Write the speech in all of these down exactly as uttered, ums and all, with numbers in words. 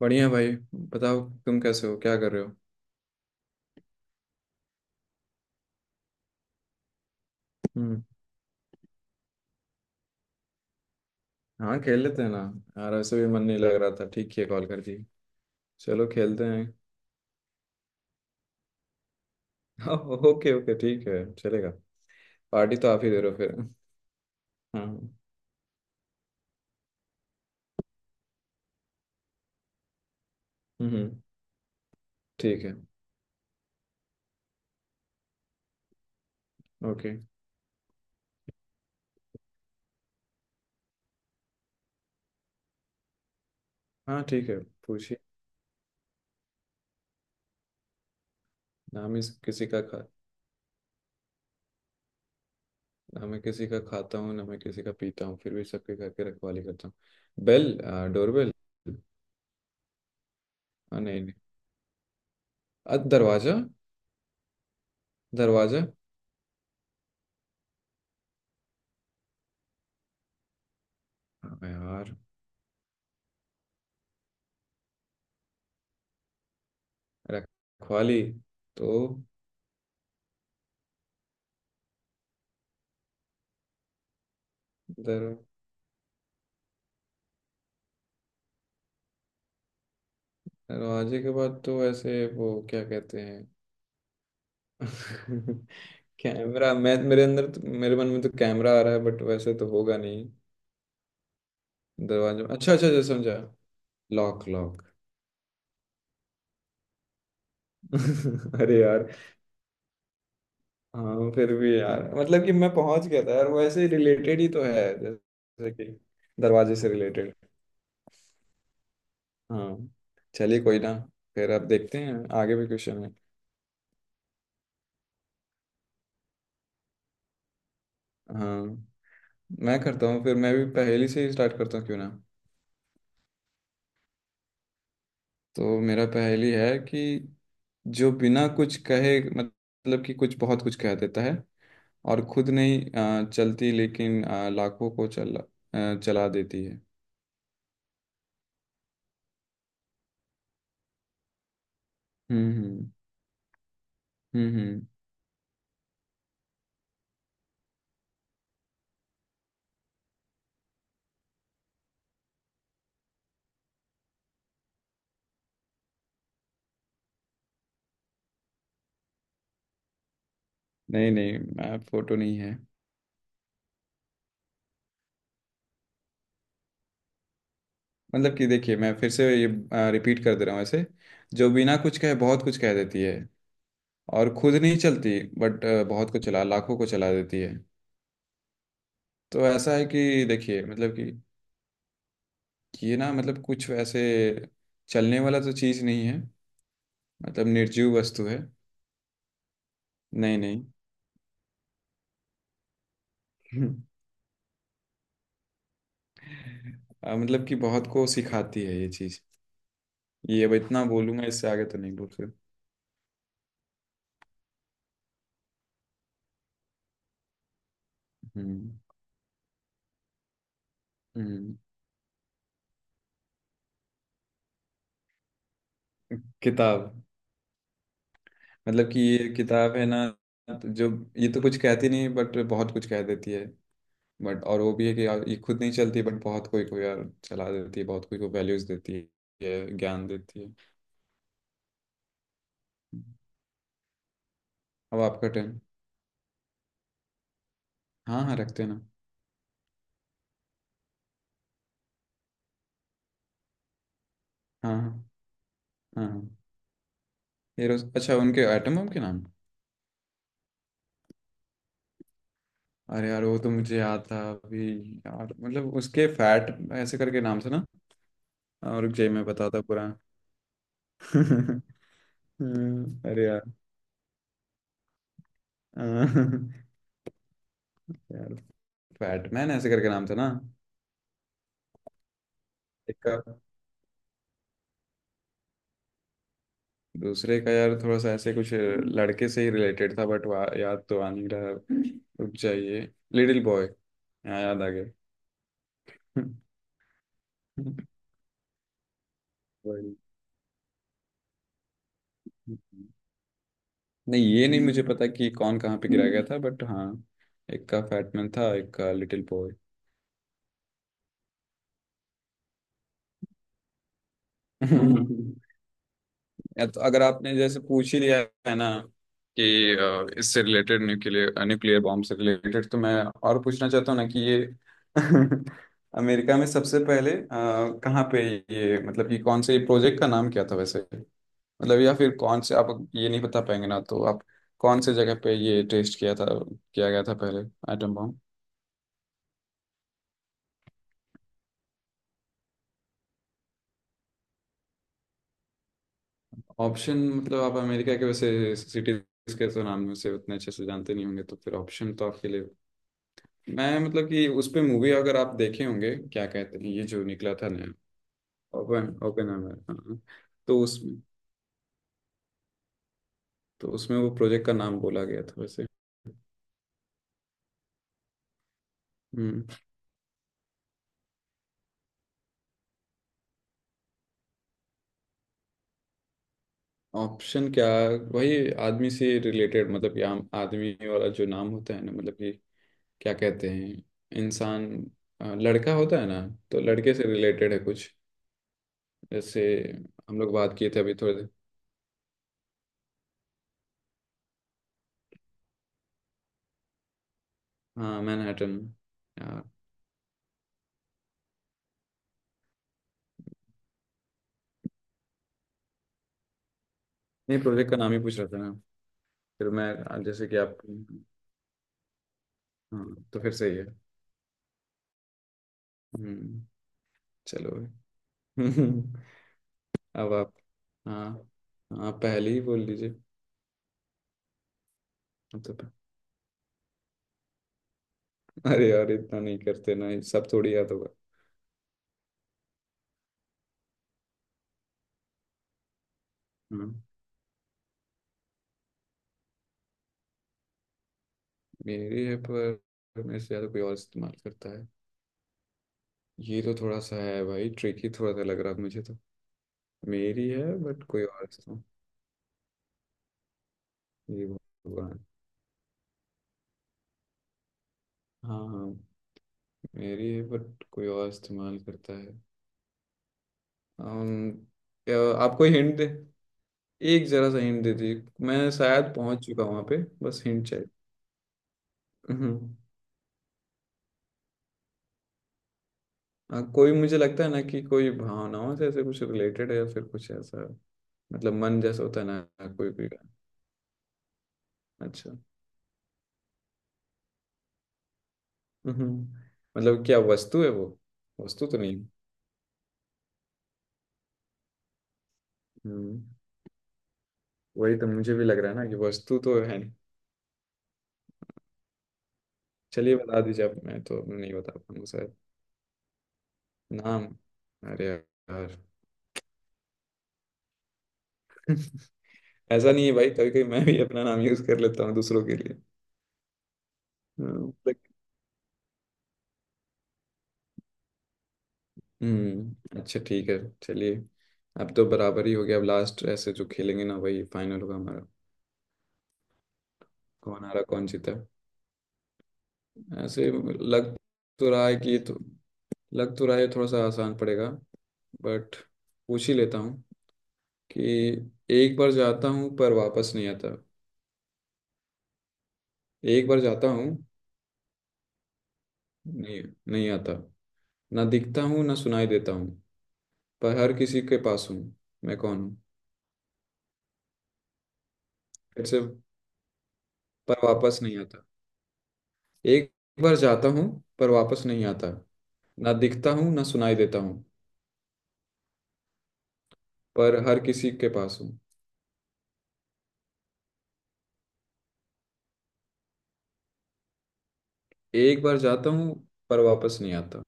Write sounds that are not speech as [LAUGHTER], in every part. बढ़िया भाई, बताओ तुम कैसे हो, क्या कर रहे हो? हम्म। हाँ, खेल लेते हैं ना। यार ऐसे भी मन नहीं लग रहा था, ठीक है, कॉल कर दी। चलो खेलते हैं। [LAUGHS] हाँ। ओके ओके, ठीक है, चलेगा। पार्टी तो आप ही दे रहे हो फिर। हाँ। हम्म, ठीक है। ओके। हाँ ठीक है, पूछिए। ना मैं किसी का खा ना मैं किसी का खाता हूँ, ना मैं किसी का पीता हूँ, फिर भी सबके घर के रखवाली करता हूँ। बेल। डोरबेल। हाँ, नहीं नहीं। अ, दरवाजा। दरवाजा। हाँ यार। रखवाली तो। दर दरवाजे के बाद तो ऐसे वो क्या कहते हैं? [LAUGHS] कैमरा। मैं मेरे अंदर तो, मेरे मन में तो कैमरा आ रहा है, बट वैसे तो होगा नहीं। दरवाजे, अच्छा अच्छा अच्छा, समझा। Lock, lock. [LAUGHS] अरे यार। हाँ, फिर भी यार मतलब कि मैं पहुंच गया था यार, वो ऐसे रिलेटेड ही तो है, जैसे कि दरवाजे से रिलेटेड। हाँ। चलिए, कोई ना। फिर अब देखते हैं, आगे भी क्वेश्चन है। हाँ, मैं करता हूँ, फिर मैं भी पहेली से ही स्टार्ट करता हूँ क्यों ना। तो मेरा पहेली है कि जो बिना कुछ कहे, मतलब कि कुछ बहुत कुछ कह देता है, और खुद नहीं अ, चलती, लेकिन अ, लाखों को चला अ, चला देती है। हम्म हम्म। हम्म हम्म। नहीं नहीं, मैं फोटो नहीं है। मतलब कि देखिए, मैं फिर से ये रिपीट कर दे रहा हूँ ऐसे। जो बिना कुछ कहे बहुत कुछ कह देती है, और खुद नहीं चलती, बट बहुत को चला लाखों को चला देती है। तो ऐसा है कि देखिए, मतलब कि ये ना, मतलब कुछ वैसे चलने वाला तो चीज़ नहीं है, मतलब निर्जीव वस्तु है। नहीं नहीं। [LAUGHS] हम्म। आ, मतलब कि बहुत को सिखाती है ये चीज। ये अब इतना बोलूंगा, इससे आगे तो नहीं बोल सकता। हम्म हम्म। किताब। मतलब कि ये किताब है ना। तो जो, ये तो कुछ कहती नहीं, बट बहुत कुछ कह देती है। बट और वो भी है कि यार ये खुद नहीं चलती, बट बहुत कोई को यार चला देती है, बहुत कोई को वैल्यूज देती है, ज्ञान देती है। अब आपका टर्न। हाँ हाँ, रखते हैं ना। हाँ हाँ। हाँ हाँ। ये रोज, अच्छा उनके आइटम के नाम। अरे यार, वो तो मुझे याद था अभी। यार मतलब उसके फैट ऐसे करके नाम से ना। और रुक जाइए, मैं बताता पूरा। [LAUGHS] हम्म, अरे यार। अह, [LAUGHS] यार फैटमैन ऐसे करके नाम था ना। एक का, दूसरे का यार थोड़ा सा ऐसे कुछ लड़के से ही रिलेटेड था, बट याद तो आ नहीं रहा। रुक जाइए। लिटिल बॉय, यहाँ याद आ गया। [LAUGHS] वही। नहीं, ये नहीं मुझे पता कि कौन कहाँ पे गिरा गया था, बट हाँ, एक का फैटमैन था, एक का लिटिल बॉय। [LAUGHS] या तो अगर आपने जैसे पूछ ही लिया है ना कि अ, इससे रिलेटेड, न्यूक्लियर न्यूक्लियर बॉम्ब से रिलेटेड, तो मैं और पूछना चाहता हूँ ना कि ये [LAUGHS] अमेरिका में सबसे पहले अ, कहाँ पे, ये मतलब कि कौन से प्रोजेक्ट का नाम क्या था वैसे, मतलब या फिर कौन से आप, ये नहीं बता पाएंगे ना तो आप कौन से जगह पे ये टेस्ट किया था किया गया था पहले एटम बॉम्ब? ऑप्शन मतलब आप अमेरिका के वैसे सिटीज के तो नाम में से उतने अच्छे से जानते नहीं होंगे, तो फिर ऑप्शन तो आपके लिए। मैं मतलब कि उस पे मूवी अगर आप देखे होंगे, क्या कहते हैं ये जो निकला था नया? ओपन ओपन, हाँ हाँ। तो उस, तो उसमें वो प्रोजेक्ट का नाम बोला गया था वैसे। हम्म। ऑप्शन क्या, वही आदमी से रिलेटेड, मतलब कि आम आदमी वाला जो नाम होता है ना, मतलब कि क्या कहते हैं, इंसान, अ, लड़का होता है ना, तो लड़के से रिलेटेड है कुछ। जैसे हम लोग बात किए थे अभी थोड़े देर। हाँ, मैनहट्टन यार। नहीं, प्रोजेक्ट का नाम ही पूछ रहा था ना। फिर मैं, जैसे कि आप। हाँ तो फिर सही है। हम्म। चलो [LAUGHS] भाई। अब आप, हाँ हाँ, पहले ही बोल लीजिए। अब तो, अरे यार इतना नहीं करते ना, ये सब थोड़ी याद होगा। हम्म। मेरी है, पर मेरे से ज़्यादा कोई और इस्तेमाल करता है? ये तो थोड़ा सा है भाई, ट्रिकी थोड़ा सा लग रहा है मुझे तो। मेरी है बट कोई और इस्तेमाल, ये भगवान? हाँ हाँ, मेरी है बट कोई और इस्तेमाल करता है। um, क्या- आपको हिंट दे, एक जरा सा हिंट दे दीजिए, मैं शायद पहुंच चुका हूँ वहां पे, बस हिंट चाहिए। हम्म। हाँ, कोई, मुझे लगता है ना कि कोई भावनाओं से ऐसे कुछ रिलेटेड है या फिर कुछ ऐसा, मतलब मन जैसा होता है ना, कोई कोई का। अच्छा। हम्म। मतलब क्या वस्तु है वो, वस्तु तो नहीं? हम्म, वही तो मुझे भी लग रहा है ना कि वस्तु तो है नहीं। चलिए बता दीजिए आप, मैं तो नहीं बता पाऊंगा शायद। नाम? अरे यार। [LAUGHS] ऐसा नहीं है भाई, कभी कभी मैं भी अपना नाम यूज कर लेता हूँ दूसरों के लिए। हाँ। हम्म अच्छा, ठीक है, चलिए। अब तो बराबर ही हो गया, अब लास्ट ऐसे जो खेलेंगे ना वही फाइनल होगा हमारा, कौन हारा कौन जीता। ऐसे लग तो रहा है कि ये तो, लग तो रहा है थोड़ा सा आसान पड़ेगा, बट पूछ ही लेता हूँ। कि एक बार जाता हूँ पर वापस नहीं आता। एक बार जाता हूँ, नहीं, नहीं आता, ना दिखता हूँ ना सुनाई देता हूँ, पर हर किसी के पास हूँ, मैं कौन हूँ? फिर से। पर वापस नहीं आता। एक बार जाता हूँ पर वापस नहीं आता, ना दिखता हूँ ना सुनाई देता हूँ, पर हर किसी के पास हूँ। एक बार जाता हूँ पर वापस नहीं आता,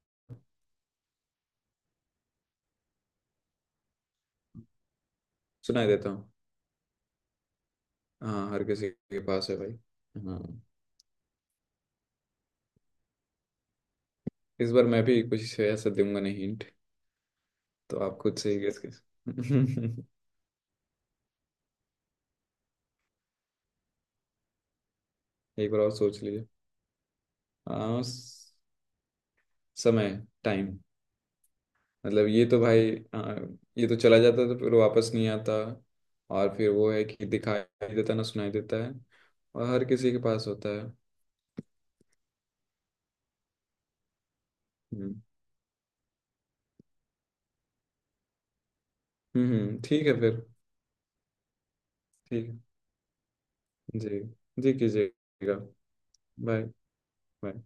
सुनाई देता हूँ। हाँ, हर किसी के पास है भाई। हाँ। इस बार मैं भी कुछ ऐसा दूंगा नहीं हिंट, तो आप खुद से ही गेस कर। [LAUGHS] एक बार और सोच लीजिए। हाँ, स- समय, टाइम। मतलब ये तो भाई, हाँ, ये तो चला जाता तो फिर वापस नहीं आता, और फिर वो है कि दिखाई देता ना सुनाई देता है, और हर किसी के पास होता है। हम्म हम्म। हम्म, ठीक है फिर। ठीक है। जी। जी कीजिएगा। बाय। बाय।